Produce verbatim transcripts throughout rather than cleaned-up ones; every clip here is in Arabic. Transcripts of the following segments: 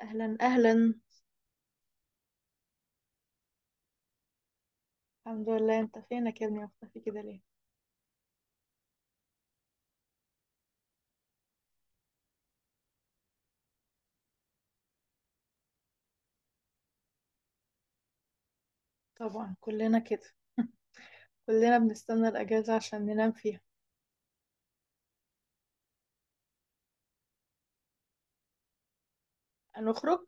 اهلا اهلا. الحمد لله، انت فينك يا ابني؟ مختفي كده ليه؟ طبعا كلنا كده، كلنا بنستنى الاجازه عشان ننام فيها. هنخرج.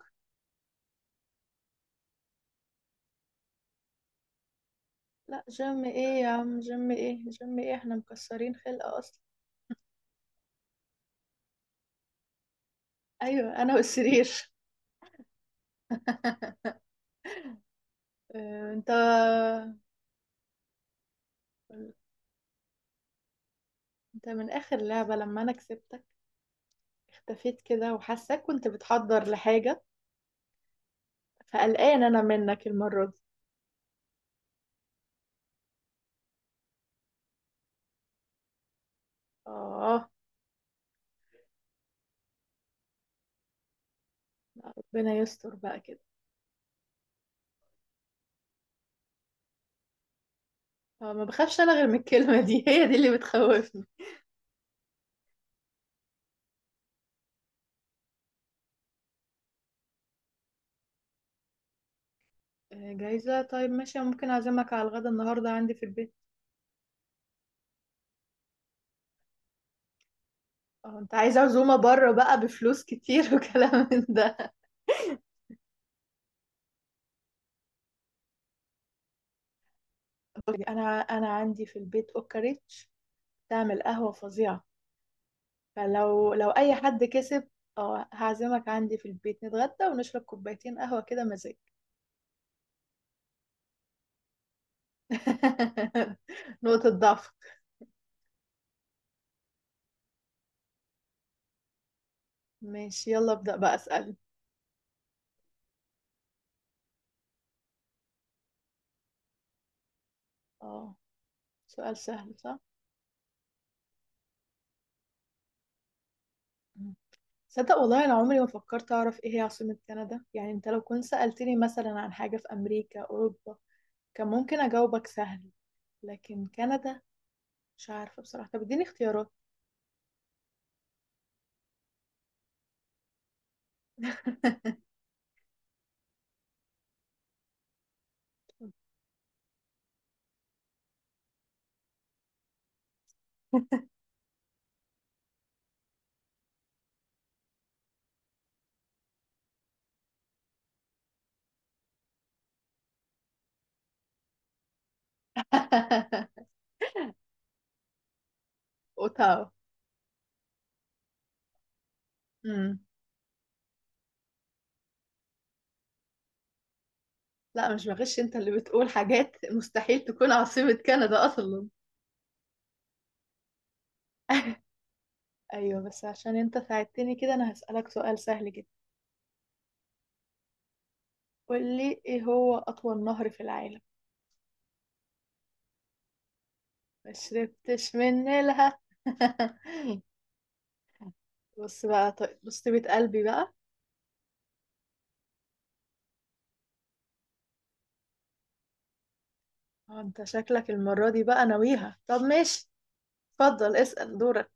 لا، جيم ايه يا عم؟ جيم ايه؟ جيم ايه؟ احنا مكسرين خلقه اصلا. ايوه، انا والسرير. آه، انت. انت من اخر لعبه لما انا كسبتك اختفيت كده، وحاساك كنت بتحضر لحاجه، فقلقان انا منك المره دي. اه. ربنا يستر بقى كده. آه، ما بخافش انا غير من الكلمه دي. هي دي اللي بتخوفني. آه، جايزة؟ طيب ماشي، ممكن أعزمك على الغدا النهاردة عندي في البيت. اه، انت عايز عزومة بره بقى بفلوس كتير وكلام من ده. انا انا عندي في البيت اوكاريتش تعمل قهوة فظيعة، فلو لو اي حد كسب، اه هعزمك عندي في البيت، نتغدى ونشرب كوبايتين قهوة كده مزاج. نقطة ضعف. ماشي يلا ابدأ بقى، اسأل. اه، سؤال سهل صح؟ صدق والله، انا عمري ما فكرت اعرف ايه هي عاصمة كندا، يعني انت لو كنت سألتني مثلا عن حاجة في امريكا، اوروبا، كان ممكن اجاوبك سهل، لكن كندا مش عارفة بصراحة. طب اديني اختيارات. اوتاوا. امم. لا مش بغش، انت اللي بتقول حاجات مستحيل تكون عاصمة كندا اصلا. ايوه، بس عشان انت ساعدتني كده انا هسألك سؤال سهل جدا. قول لي، ايه هو اطول نهر في العالم؟ ما شربتش من نيلها. بص بقى، طيب بص بيت قلبي بقى. اه، انت شكلك المرة دي بقى ناويها. طب ماشي، اتفضل اسأل دورك.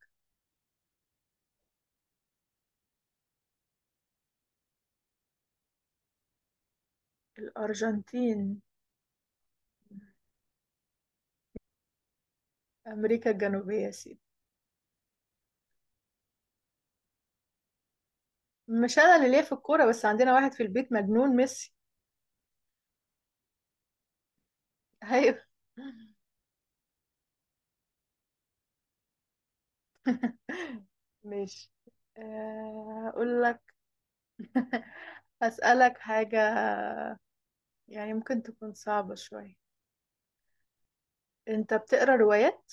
الأرجنتين. أمريكا الجنوبية يا سيدي. مش أنا اللي ليا في الكورة، بس عندنا واحد في البيت مجنون ميسي. أيوه. ماشي. آه، أقول لك. هسألك حاجة، يعني ممكن تكون صعبة شوية. أنت بتقرأ روايات؟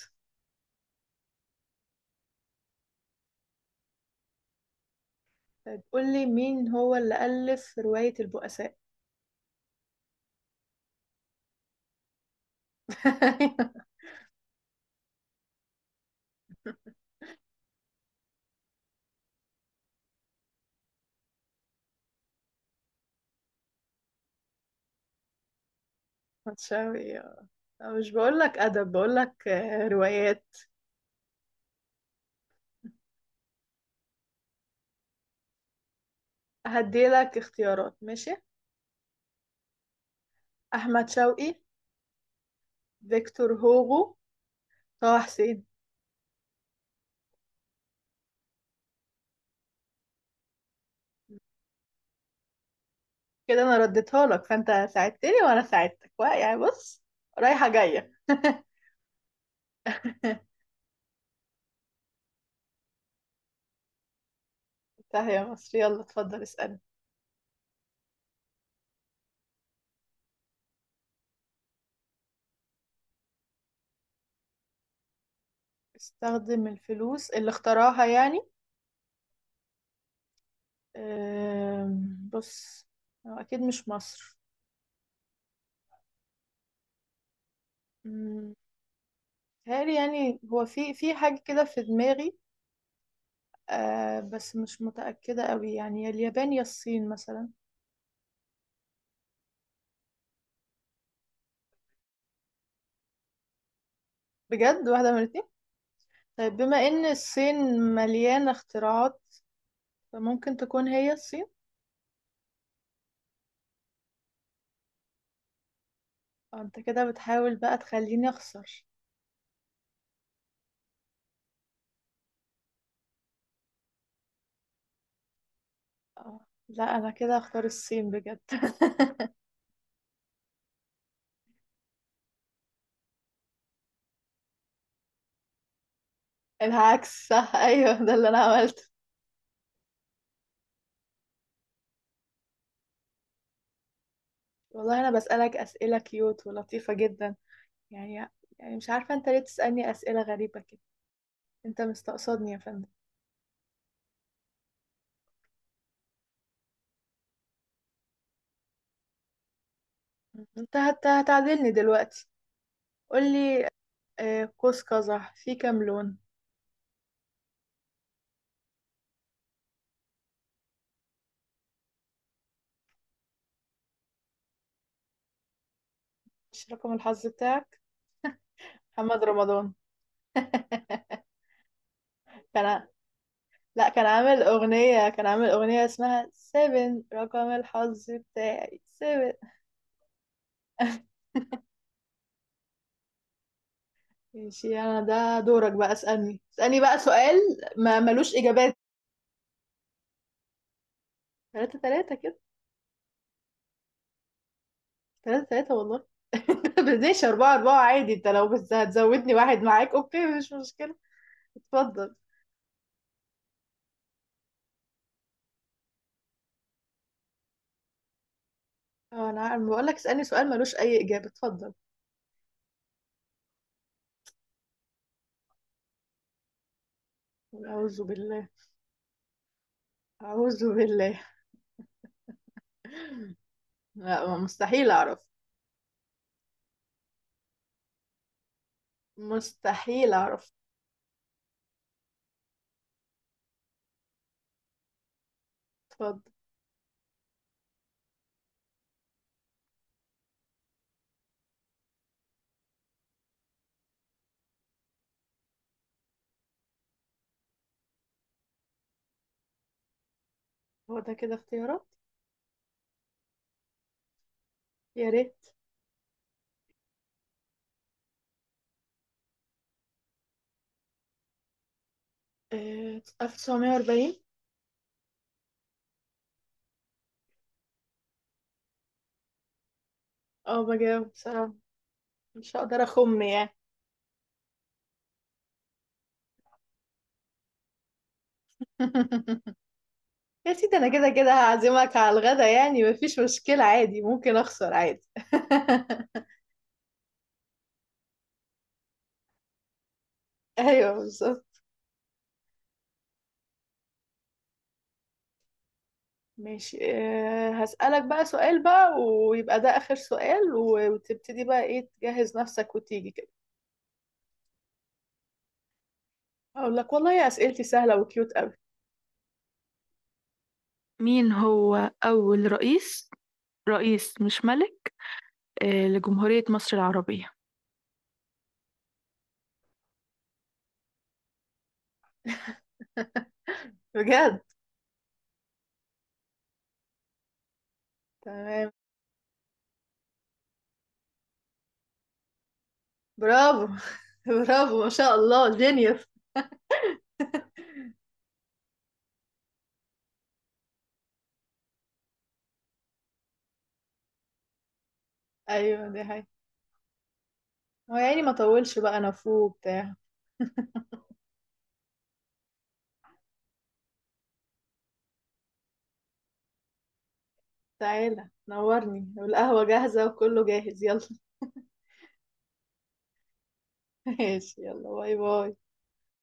طيب قول لي، مين هو اللي ألف رواية البؤساء؟ متشابه. مش بقولك أدب، بقولك آه، روايات. هديلك اختيارات ماشي. أحمد شوقي، فيكتور هوغو، طه حسين. كده أنا رديتها لك، فأنت ساعدتني وأنا ساعدتك وا- يعني بص، رايحة جاية. انتهى يا مصر، يلا اتفضل اسأل. استخدم الفلوس اللي اختراها يعني؟ أم، بص، هو أكيد مش مصر. مم، متهيألي يعني، هو في في حاجة كده في دماغي، آه، بس مش متأكدة قوي. يعني يا اليابان يا الصين مثلا. بجد واحدة من الاتنين؟ طيب بما ان الصين مليانة اختراعات، فممكن تكون هي الصين. آه، انت كده بتحاول بقى تخليني اخسر. آه لا، انا كده هختار الصين بجد. العكس صح. ايوه ده اللي انا عملته. والله انا بسألك اسئلة كيوت ولطيفة جدا، يعني، يعني مش عارفة انت ليه تسألني اسئلة غريبة كده. انت مستقصدني يا فندم؟ انت هت- هتعدلني دلوقتي. قولي. آه، قوس قزح فيه كام لون؟ مش رقم الحظ بتاعك؟ محمد رمضان. كان، لا كان عامل أغنية، كان عامل أغنية اسمها سيفن. رقم الحظ بتاعي سيفن. ماشي أنا، ده دورك بقى. اسألني، اسألني بقى سؤال ما ملوش إجابات. تلاتة تلاتة كده. تلاتة تلاتة والله. بديش أربعة أربعة عادي، أنت لو بس هتزودني واحد معاك أوكي مش مشكلة. اتفضل. أه، أنا عارف، بقول لك اسألني سؤال ملوش أي إجابة. اتفضل. أعوذ بالله. أعوذ بالله. لا مستحيل اعرف. مستحيل اعرف. اتفضل. هو ده كده اختيارات؟ يا ريت. آه، ألف وتسعمية وأربعين. اه بجاوب بصراحة، مش هقدر اخم يعني. يا سيدي انا كده كده هعزمك على الغدا، يعني مفيش مشكلة عادي، ممكن اخسر عادي. ايوه بالظبط. ماشي. آه، هسألك بقى سؤال، بقى ويبقى ده آخر سؤال، و- وتبتدي بقى ايه، تجهز نفسك وتيجي كده. اقول لك والله اسئلتي سهلة وكيوت قوي. مين هو أول رئيس، رئيس مش ملك، آه، لجمهورية مصر العربية؟ بجد. تمام. برافو. برافو ما شاء الله، جينيوس. ايوه دي حقيقة. هو يا عيني ما طولش بقى، انا فوق بتاع. تعالى نورني، والقهوة جاهزة وكله جاهز، يلا. ماشي يلا، باي باي.